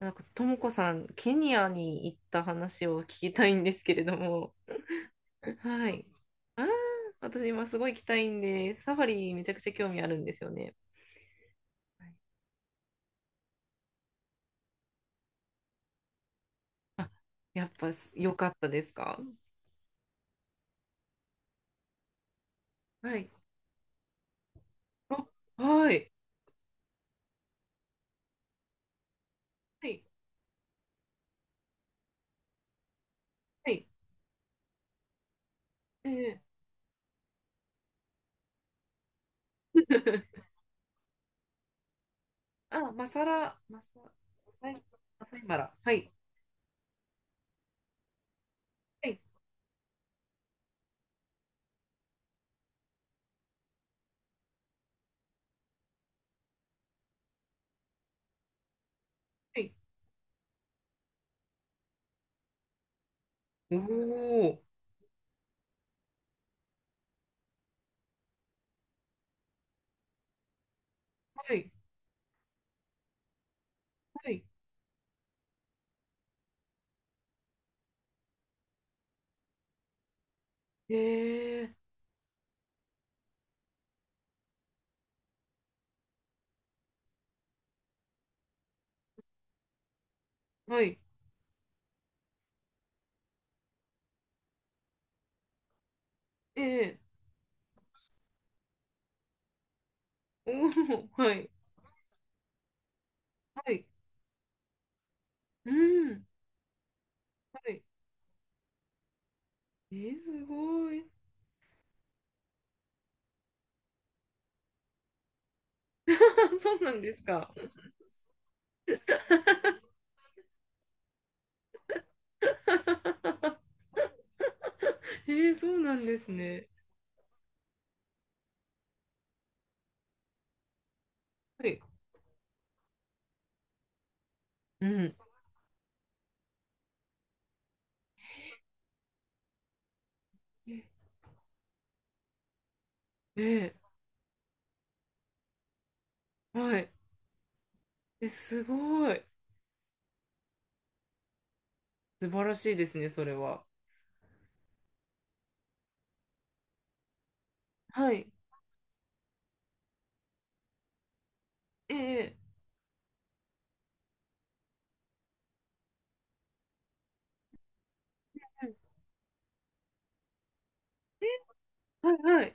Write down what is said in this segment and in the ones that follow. なんか、ともこさん、ケニアに行った話を聞きたいんですけれども、はい。ああ、私今すごい行きたいんで、サファリめちゃくちゃ興味あるんですよね。はい。あ、やっぱす良かったですか？はい。あ、はい。はい。はい。ええ。 あ、マサラ、マサ、マサイ、マサイマラ。はい。はい。はい。おお、はい。はい。ええ、はい。ええ、おおー、はい。はい。うん。はい。えー、すごい。そうなんですか。えー、そうなんですね。はい。うん。え、えー、はい。え、すごい。素晴らしいですね、それは。はい。えー、えー、はい、え、はい、はい。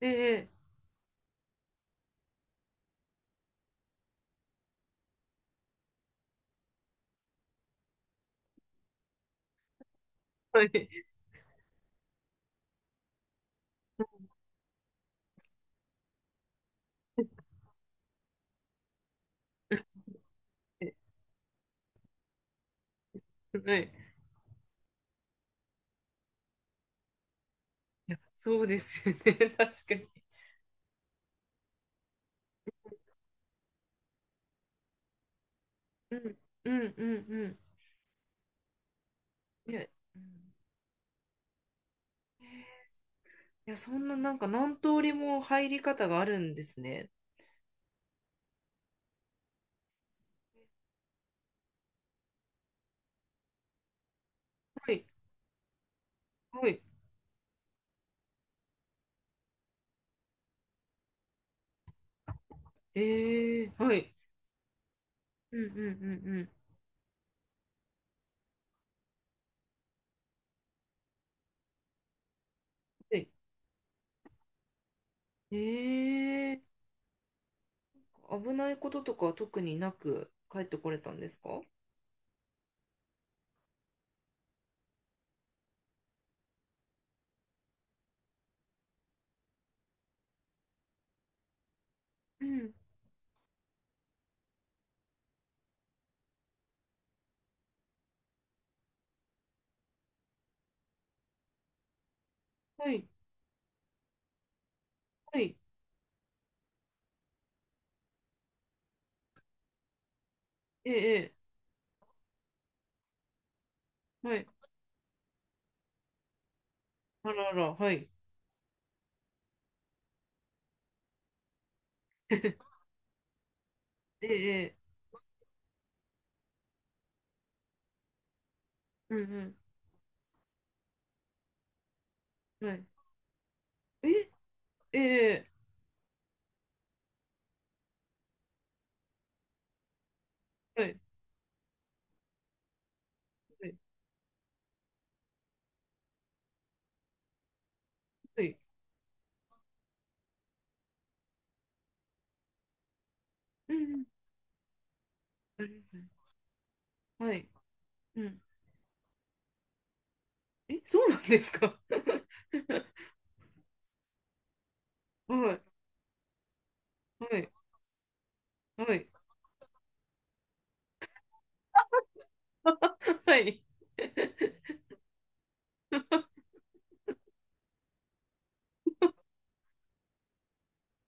えー、えー、はい。はい。いや、そうですよね、確かに。うん、うん、うん、うん。いや、うん、いや、そんな、なんか何通りも入り方があるんですね。はい、はい。えー、はい。うんうんうんうん。ええー、危ないこととかは特になく帰ってこれたんですか？うん。はい。はい。ええ、ええ、はい。あらあら、はい。ええ、ええ、うんうん。はい。ええ、ええ、はい。はい。はい。うんうん。ありがとうございます。はい。うん。え、そうなんですか？ はい。はい。はい。はい。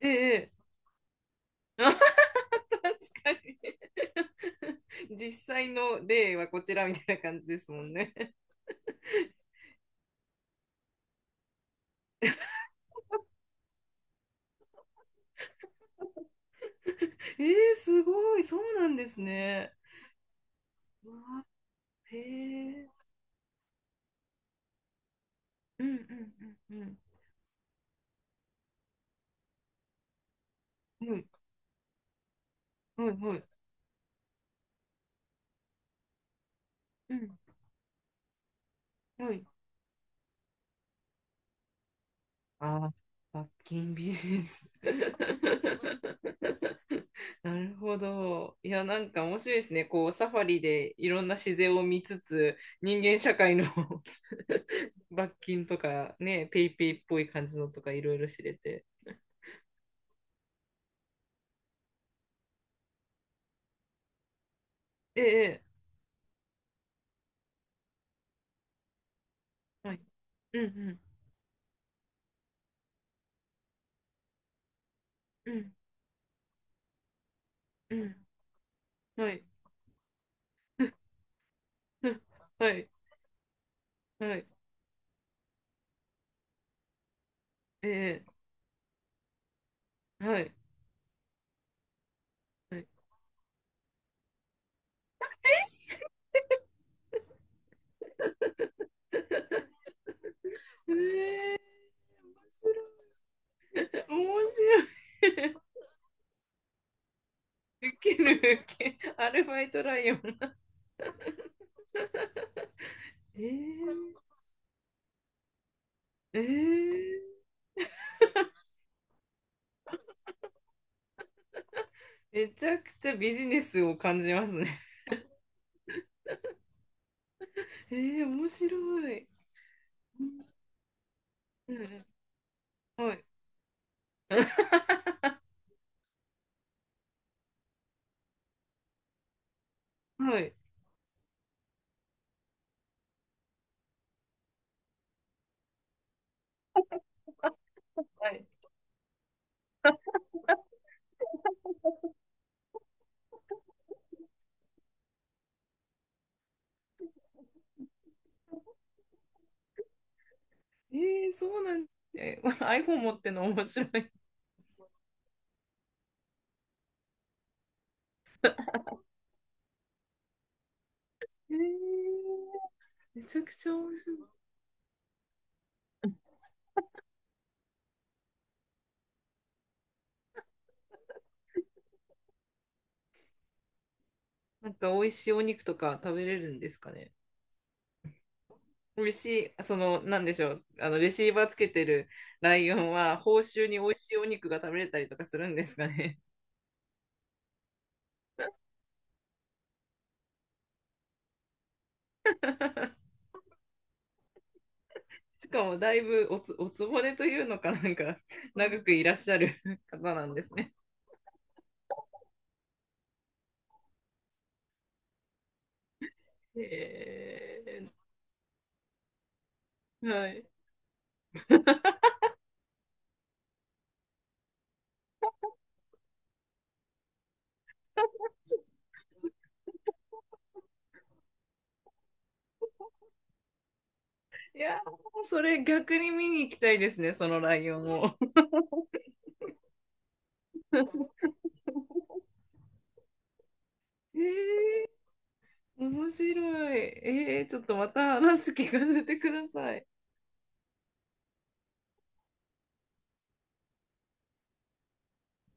ええ、ええ、確かに。実際の例はこちらみたいな感じですもんね。えー、すごい、そうなんですね。うわ、へえ。うんうんうんうん。はいはいはい。うん、はい。ああ、罰金ビジネス。なるほど。いや、なんか面白いですね。こう、サファリでいろんな自然を見つつ、人間社会の、 罰金とか、ね、ペイペイっぽい感じのとかいろいろ知れて。ええ、ええ、はい。うんうん、うん、うん、はい。うん、はい、はい、ええ、はい、はい。面白い。面白い。ウケる、ウケる。アルバイトライオン。えー、えー、めちゃくちゃビジネスを感じますね。えー、面白い。うん、はい。はい。はい。えー、そうなんです、えー、iPhone 持ってんの面白い。えー、めちゃくちゃ面白い。なんか美味しいお肉とか食べれるんですかね？美味しい、その、なんでしょう、あのレシーバーつけてるライオンは、報酬に美味しいお肉が食べれたりとかするんですかね？しかもだいぶおつおつぼねというのかなんか長くいらっしゃる方なんですね。えー、はい。いやー、それ逆に見に行きたいですね、そのライオンを。えー、面白い。えー、ちょっとまた話す聞かせてください。